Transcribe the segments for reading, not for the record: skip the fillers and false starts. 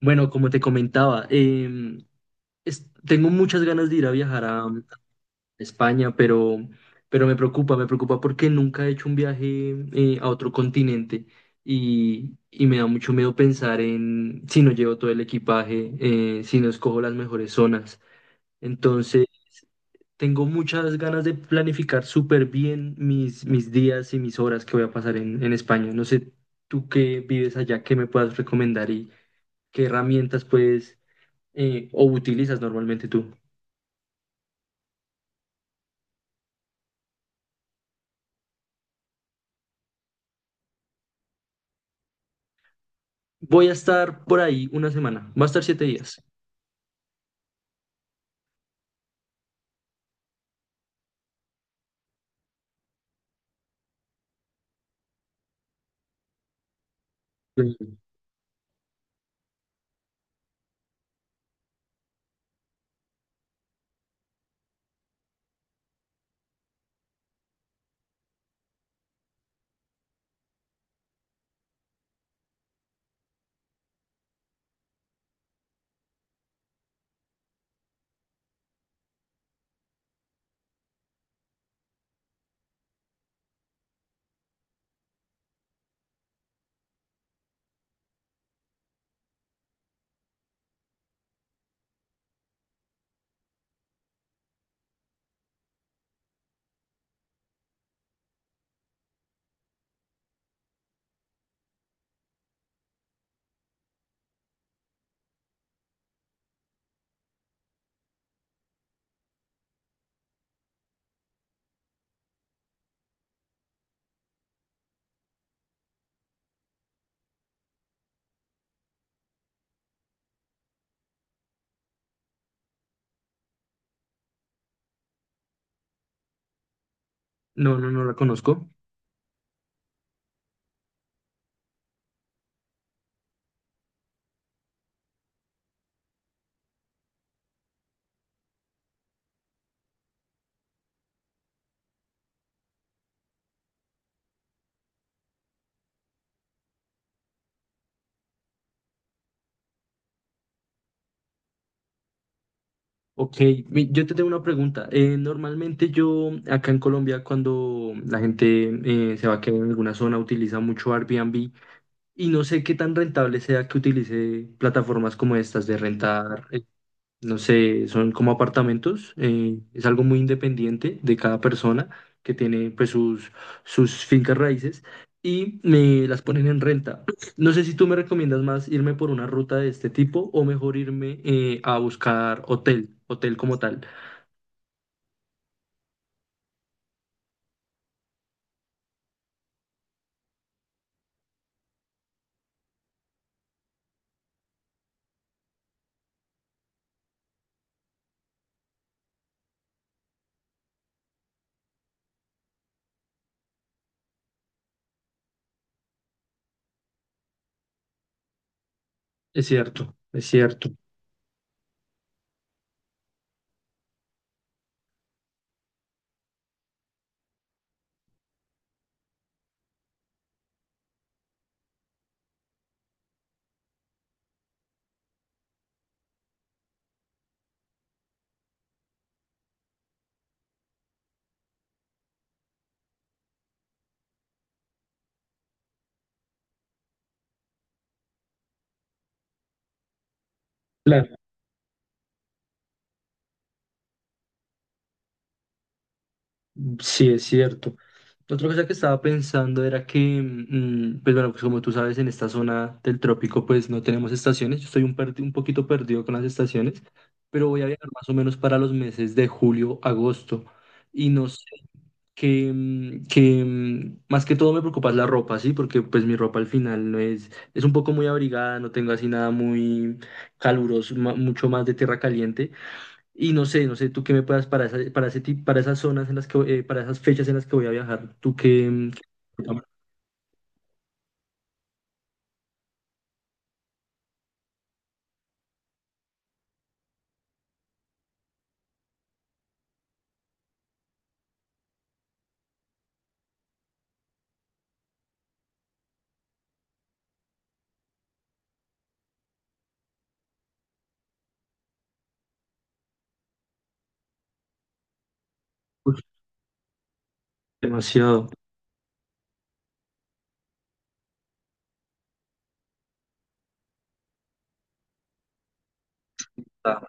Bueno, como te comentaba, tengo muchas ganas de ir a viajar a España, pero me preocupa porque nunca he hecho un viaje a otro continente y me da mucho miedo pensar en si no llevo todo el equipaje, si no escojo las mejores zonas. Entonces, tengo muchas ganas de planificar súper bien mis días y mis horas que voy a pasar en España. No sé, tú que vives allá, qué me puedas recomendar y qué herramientas puedes o utilizas normalmente tú. Voy a estar por ahí una semana, va a estar 7 días. Eh, No, no, no la conozco. Ok, yo te tengo una pregunta. Normalmente yo acá en Colombia cuando la gente se va a quedar en alguna zona utiliza mucho Airbnb y no sé qué tan rentable sea que utilice plataformas como estas de rentar, no sé, son como apartamentos, es algo muy independiente de cada persona que tiene pues sus fincas raíces y me las ponen en renta. No sé si tú me recomiendas más irme por una ruta de este tipo o mejor irme a buscar hotel, hotel como tal. Es cierto, es cierto. Claro. Sí, es cierto. Otra cosa que estaba pensando era que, pues bueno, pues como tú sabes, en esta zona del trópico pues no tenemos estaciones. Yo estoy un poquito perdido con las estaciones, pero voy a viajar más o menos para los meses de julio, agosto. Y no sé, que más que todo me preocupa es la ropa, ¿sí? Porque pues mi ropa al final no es, es un poco muy abrigada, no tengo así nada muy caluroso, mucho más de tierra caliente. Y no sé, tú qué me puedas para para esas zonas en las que, para esas fechas en las que voy a viajar. Tú que... Demasiado. Ah,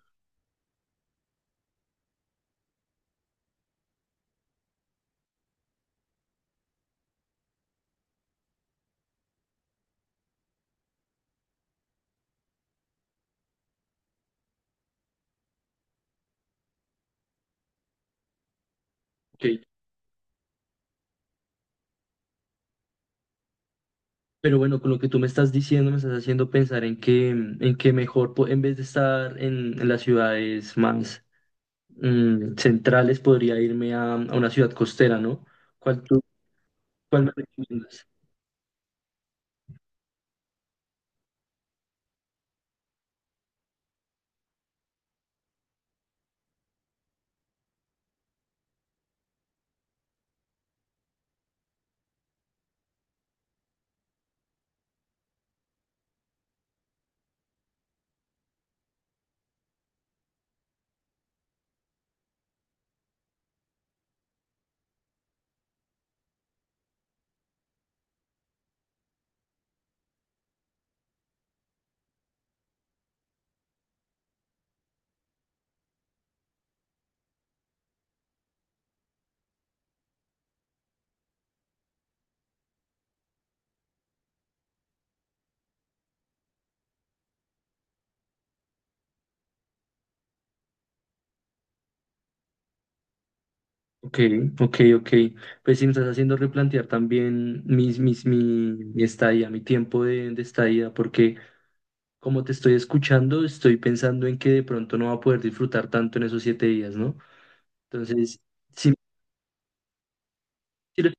ok. Pero bueno, con lo que tú me estás diciendo, me estás haciendo pensar en que, mejor, en vez de estar en las ciudades más centrales, podría irme a una ciudad costera, ¿no? ¿Cuál tú, cuál me recomiendas? Ok, ok, ok. Pues sí, me estás haciendo replantear también mi estadía, mi tiempo de estadía, porque como te estoy escuchando, estoy pensando en que de pronto no va a poder disfrutar tanto en esos 7 días, ¿no? Entonces, sí, sí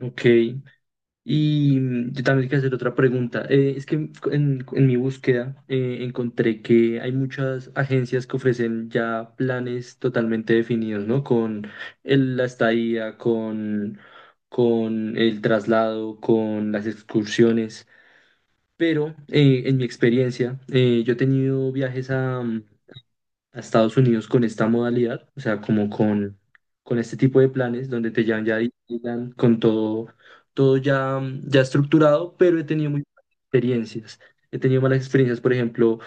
ok, y yo también quiero hacer otra pregunta. Es que en mi búsqueda encontré que hay muchas agencias que ofrecen ya planes totalmente definidos, ¿no? Con la estadía, con el traslado, con las excursiones. Pero en mi experiencia, yo he tenido viajes a Estados Unidos con esta modalidad, o sea, como con este tipo de planes donde te llevan ya a Disneyland con todo ya, ya estructurado, pero he tenido muy malas experiencias. He tenido malas experiencias, por ejemplo,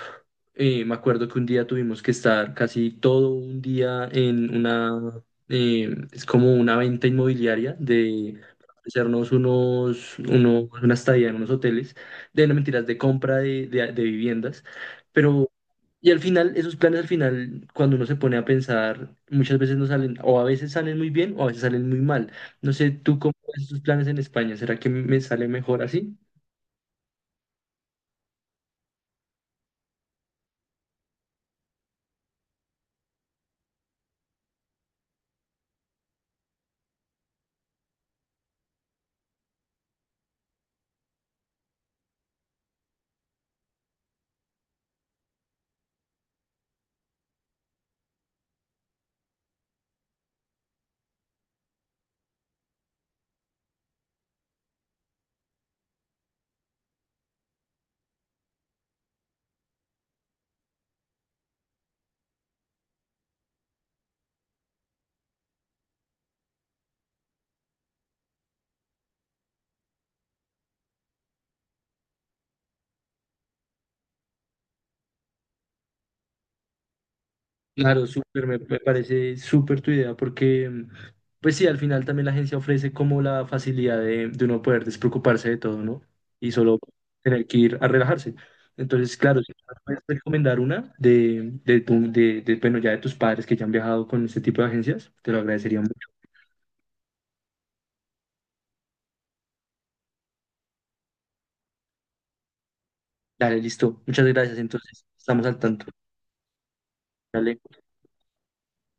me acuerdo que un día tuvimos que estar casi todo un día en una, es como una venta inmobiliaria de hacernos una estadía en unos hoteles, de no mentiras, de compra de viviendas. Pero, y al final, esos planes al final, cuando uno se pone a pensar, muchas veces no salen, o a veces salen muy bien, o a veces salen muy mal. No sé, tú cómo ves esos planes en España, ¿será que me sale mejor así? Claro, súper, me parece súper tu idea, porque pues sí, al final también la agencia ofrece como la facilidad de uno poder despreocuparse de todo, ¿no? Y solo tener que ir a relajarse. Entonces, claro, si tú puedes recomendar una de, tu- de, bueno, ya de tus padres que ya han viajado con este tipo de agencias, te lo agradecería mucho. Dale, listo. Muchas gracias, entonces, estamos al tanto. Dale.